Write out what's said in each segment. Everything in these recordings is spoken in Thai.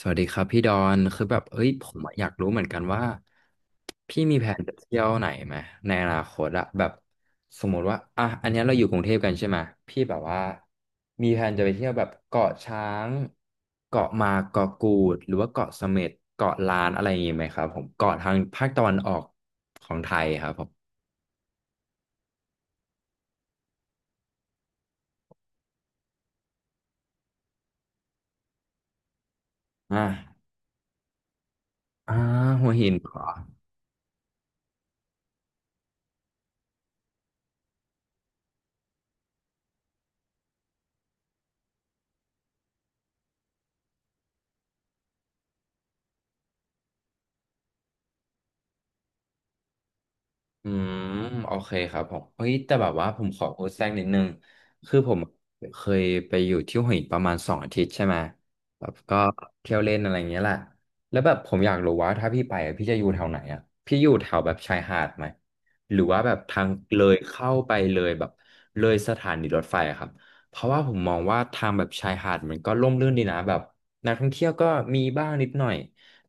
สวัสดีครับพี่ดอนคือแบบเอ้ยผมอะอยากรู้เหมือนกันว่าพี่มีแผนจะเที่ยวไหนไหมในอนาคตอะแบบสมมติว่าอ่ะอันเนี้ยเราอยู่กรุงเทพกันใช่ไหมพี่แบบว่ามีแผนจะไปเที่ยวแบบเกาะช้างเกาะมาเกาะกูดหรือว่าเกาะเสม็ดเกาะล้านอะไรอย่างงี้ไหมครับผมเกาะทางภาคตะวันออกของไทยครับผมอ่ะอ่าหัวหินเหรอ อืมโอเคครับผมเฮ้ยแต่แบบว่าผมขอโพสต์แทรกนิดนึงคือผมเคยไปอยู่ที่หัวหินประมาณ2 อาทิตย์ใช่ไหมแบบก็เที่ยวเล่นอะไรอย่างเงี้ยแหละแล้วแบบผมอยากรู้ว่าถ้าพี่ไปอะพี่จะอยู่แถวไหนอ่ะพี่อยู่แถวแบบชายหาดไหมหรือว่าแบบทางเลยเข้าไปเลยแบบเลยสถานีรถไฟอะครับเพราะว่าผมมองว่าทางแบบชายหาดมันก็ร่มรื่นดีนะแบบนักท่องเที่ยวก็มีบ้างนิดหน่อย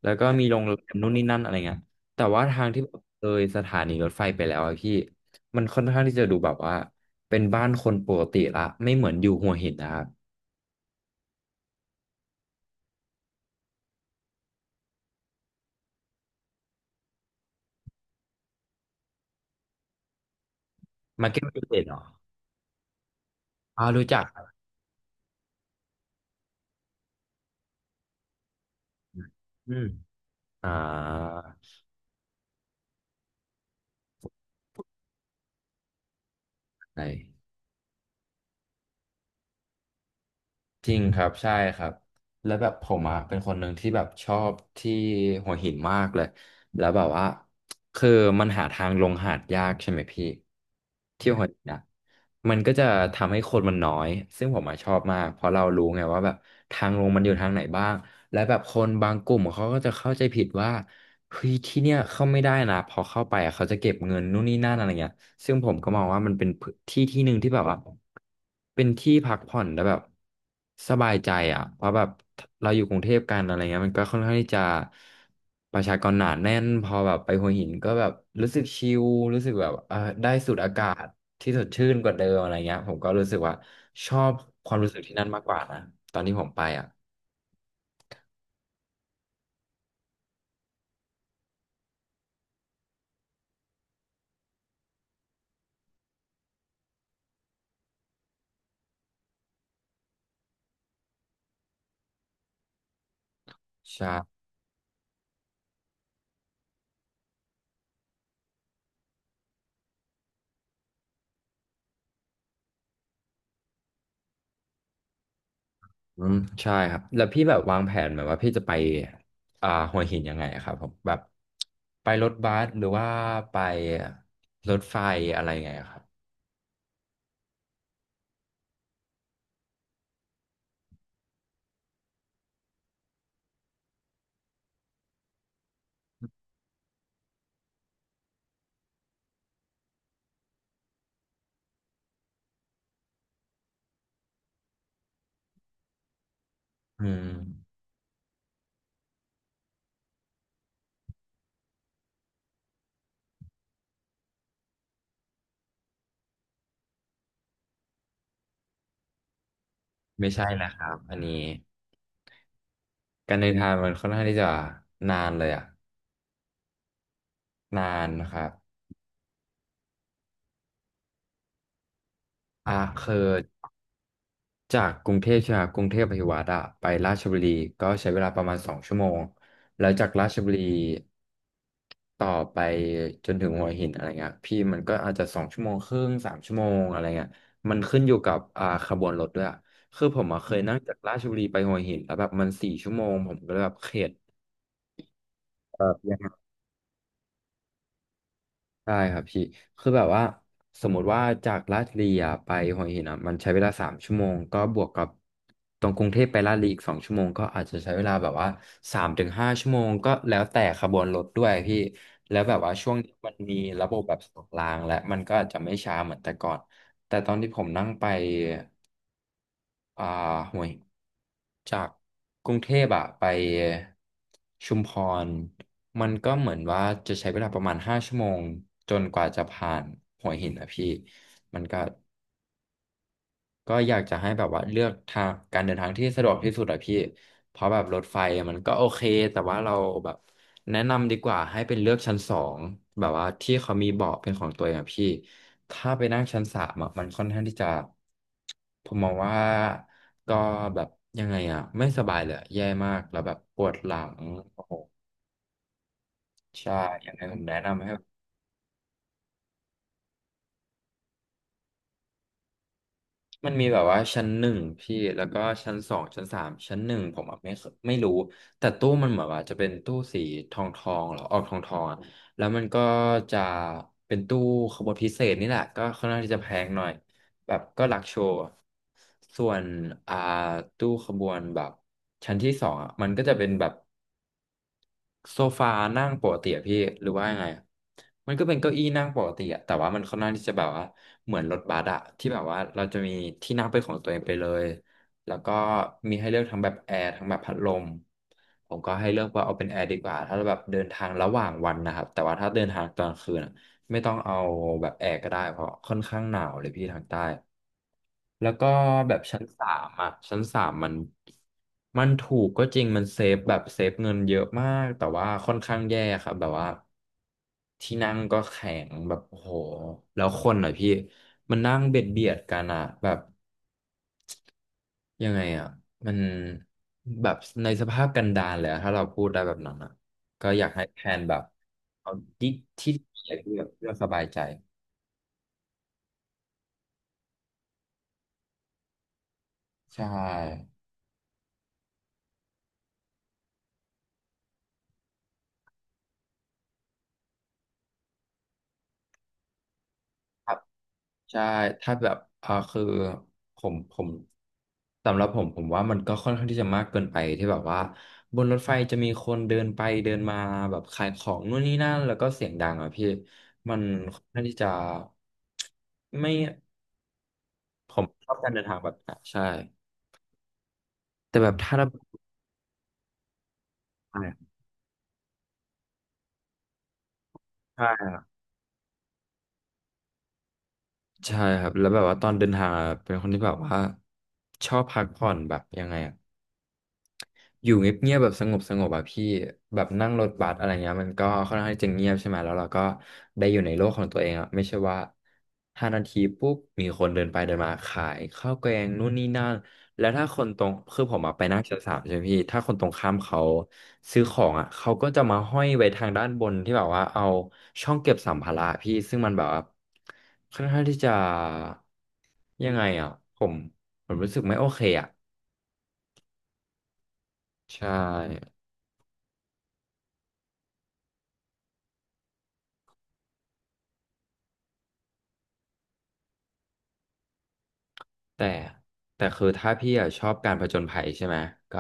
แล้วก็มีโรงแรมนู่นนี่นั่นอะไรเงี้ย แต่ว่าทางที่แบบเลยสถานีรถไฟไปแล้วอะพี่มันค่อนข้างที่จะดูแบบว่าเป็นบ้านคนปกติละไม่เหมือนอยู่หัวหินนะครับมาเก็ตดิเเก็นเหรออ่ารู้จักครับอืมอ่าใช่ จริงครับใช่ครับแล้วแบบผมอ่ะเป็นคนหนึ่งที่แบบชอบที่หัวหินมากเลยแล้วแบบว่าคือมันหาทางลงหาดยากใช่ไหมพี่ที่หัวหินนะมันก็จะทำให้คนมันน้อยซึ่งผมอ่ะชอบมากเพราะเรารู้ไงว่าแบบทางลงมันอยู่ทางไหนบ้างและแบบคนบางกลุ่มเขาก็จะเข้าใจผิดว่าเฮ้ยที่เนี่ยเข้าไม่ได้นะพอเข้าไปอะเขาจะเก็บเงินนู่นนี่นั่นอะไรเงี้ย ซึ่งผมก็มองว่ามันเป็นพื้นที่ที่หนึ่งที่แบบว่าเป็นที่พักผ่อนแล้วแบบสบายใจอ่ะเพราะแบบเราอยู่กรุงเทพกันอะไรเงี้ยมันก็ค่อนข้างที่จะประชากรหนาแน่นพอแบบไปหัวหินก็แบบรู้สึกชิลรู้สึกแบบได้สูดอากาศที่สดชื่นกว่าเดิมอะไรเงี้ยผมก็รู้สึกว่าชอบความรู้สึกที่นั่นมากกว่านะตอนที่ผมไปอ่ะใช่ อืมใช่ครับแล้วพี่แบบวางแผนแบบว่าพี่จะไปหัวหินยังไงอะครับผมแบบไปรถบัสหรือว่าไปรถไฟอะไรไงอะครับอืมไม่ใช่นะครับอันนี้การเดินทางมันค่อนข้างที่จะนานเลยอะนานนะครับอ่าคือ จากกรุงเทพใช่ไหมครับกรุงเทพอภิวัฒ์อะไปราชบุรีก็ใช้เวลาประมาณสองชั่วโมงแล้วจากราชบุรีต่อไปจนถึงหัวหินอะไรเงี้ยพี่มันก็อาจจะ2 ชั่วโมงครึ่งสามชั่วโมงอะไรเงี้ยมันขึ้นอยู่กับขบวนรถด้วยอะคือผมอะเคยนั่งจากราชบุรีไปหัวหินแล้วแบบมัน4 ชั่วโมงผมก็เลยแบบเข็ด ใช่ครับพี่คือแบบว่าสมมติว่าจากลาดบุรีอะไปหัวหินอ่ะมันใช้เวลาสามชั่วโมงก็บวกกับตรงกรุงเทพไปลาดบุรีอีกสองชั่วโมงก็อาจจะใช้เวลาแบบว่า3-5 ชั่วโมงก็แล้วแต่ขบวนรถด้วยพี่แล้วแบบว่าช่วงนี้มันมีระบบแบบ2 รางและมันก็อาจจะไม่ช้าเหมือนแต่ก่อนแต่ตอนที่ผมนั่งไป อ่าห่วยจากกรุงเทพอะไปชุมพรมันก็เหมือนว่าจะใช้เวลาประมาณห้าชั่วโมงจนกว่าจะผ่านหัวหินอะพี่มันก็ ก็อยากจะให้แบบว่าเลือกทางการเดินทางที่สะดวกที่สุดอะพี่เพราะแบบรถไฟมันก็โอเคแต่ว่าเราแบบแนะนำดีกว่าให้เป็นเลือกชั้นสองแบบว่าที่เขามีเบาะเป็นของตัวเองอะพี่ถ้าไปนั่งชั้นสามอะมันค่อนข้างที่จะผมมองว่าก็แบบยังไงอะไม่สบายเลยอะแย่มากแล้วแบบปวดหลังโอ้โหใช่ยังไงผมแนะนำให้ มันมีแบบว่าชั้นหนึ่งพี่แล้วก็ชั้นสองชั้นสามชั้นหนึ่งผมอะไม่เคไม่รู้แต่ตู้มันเหมือนว่าจะเป็นตู้สีทองทองหรอออกทองทองอะแล้วมันก็จะเป็นตู้ขบวนพิเศษนี่แหละก็ค่อนข้างที่จะแพงหน่อยแบบก็หลักโชว์อะส่วนอ่าตู้ขบวนแบบชั้นที่สองอ่ะมันก็จะเป็นแบบ โซฟานั่งปกติอะพี่หรือว่ายังไงอะมันก็เป็นเก้าอี้นั่งปกติอะแต่ว่ามันค่อนข้างที่จะแบบว่าเหมือนรถบัสอะที่แบบว่าเราจะมีที่นั่งเป็นของตัวเองไปเลยแล้วก็มีให้เลือกทั้งแบบแอร์ทั้งแบบพัดลมผมก็ให้เลือกว่าเอาเป็นแอร์ดีกว่าถ้าเราแบบเดินทางระหว่างวันนะครับแต่ว่าถ้าเดินทางตอนกลางคืนอะไม่ต้องเอาแบบแอร์ก็ได้เพราะค่อนข้างหนาวเลยพี่ทางใต้ แล้วก็แบบชั้นสามอ่ะชั้นสามมันถูกก็จริงมันเซฟแบบเซฟเงินเยอะมากแต่ว่าค่อนข้างแย่ครับแบบว่าที่นั่งก็แข็งแบบโอ้โหแล้วคนอ่ะพี่มันนั่งเบียดเบียดกันอ่ะแบบยังไงอ่ะมันแบบในสภาพกันดารเลยอะถ้าเราพูดได้แบบนั้นอ่ะก็อยากให้แพลนแบบเอาที่ที่ใส่เพื่อสบายใจใช่ครับใช่ถ้าแบบคือผมสำหรับผมว่ามันก็ค่อนข้างที่จะมากเกินไปที่แบบว่าบนรถไฟจะมีคนเดินไปเดินมาแบบขายของนู่นนี่นั่นแล้วก็เสียงดังอ่ะพี่มันค่อนข้างที่จะไม่ผมชอบการเดินทางแบบนั้นใช่แต่แบบถ้าเราไปอะใช่ครับใช่ครับแล้วแบบว่าตอนเดินทางอะเป็นคนที่แบบว่าชอบพักผ่อนแบบยังไงอ่ะ อยู่เงียบๆแบบสงบสงบอะพี่แบบนั่งรถบัสอะไรเงี้ยมันก็ค่อนข้างที่จะเงียบใช่ไหมแล้วเราก็ได้อยู่ในโลกของตัวเองอะไม่ใช่ว่า5 นาทีปุ๊บมีคนเดินไปเดินมาขายข้าวแกงนู่นนี่นั่นแล้วถ้าคนตรงคือผมอะไปนั่งชั้นสามใช่ไหมพี่ถ้าคนตรงข้ามเขาซื้อของอะเขาก็จะมาห้อยไว้ทางด้านบนที่แบบว่าเอาช่องเก็บสัมภาระพี่ซึ่งมันแบบว่าค่อนข้างที่จะยังไงอะผมรู้สึกไม่โอเคอะใช่ แต่คือถ้าพี่อะชอบการผจญภัยใช่ไหมก็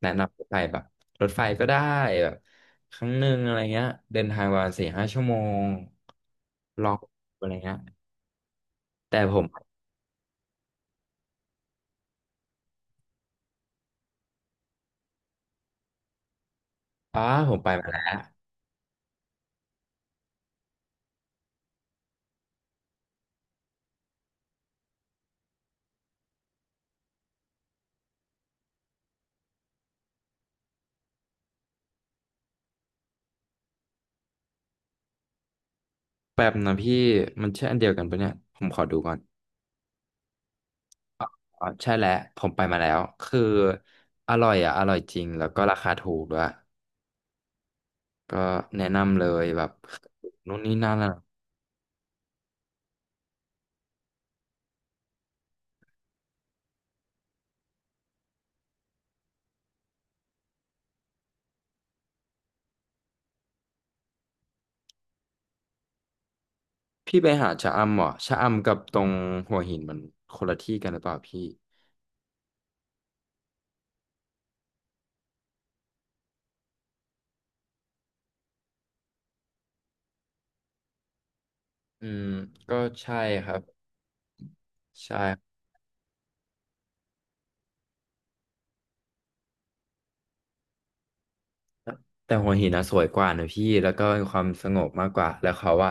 แนะนำไปแบบรถไฟก็ได้แบบครั้งหนึ่งอะไรเงี้ยเดินทางประมาณ4-5 ชั่วโมงลองอะไรเงี้ยแต่ผมอ๋อผมไปมาแล้วแป๊บนะพี่มันใช่อันเดียวกันปะเนี่ยผมขอดูก่อนอ๋อใช่แล้วผมไปมาแล้วคืออร่อยอ่ะอร่อยจริงแล้วก็ราคาถูกด้วยก็แนะนำเลยแบบนู่นนี่นั่นอะ พี่ไปหาชะอำเหรอชะอำกับตรงหัวหินมันคนละที่กันหรือเปล่าพี่อืมก็ใช่ครับใช่แต่หัวหินนะสวยกว่านะพี่แล้วก็มีความสงบมากกว่าแล้วเขาว่า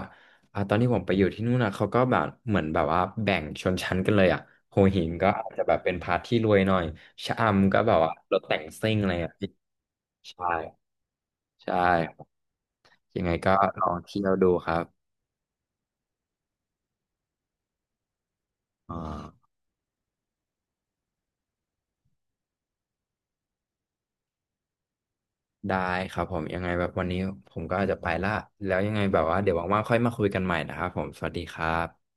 อ่ะตอนที่ผมไปอยู่ที่นู่นนะเขาก็แบบเหมือนแบบว่าแบ่งชนชั้นกันเลยอ่ะหัวหินก็อาจจะแบบเป็นพาร์ทที่รวยหน่อยชะอำก็แบบว่ารถแต่งซิ่งอะไรอ่ะพี่ใช่ใช่ครับยังไงก็ลองเที่ยวดูครับอ่า ได้ครับผมยังไงแบบวันนี้ผมก็อาจจะไปละแล้วยังไงแบบว่าเดี๋ยวว่างๆค่อยมาคุยกันใหม่นะครับผมสวัสดีครับ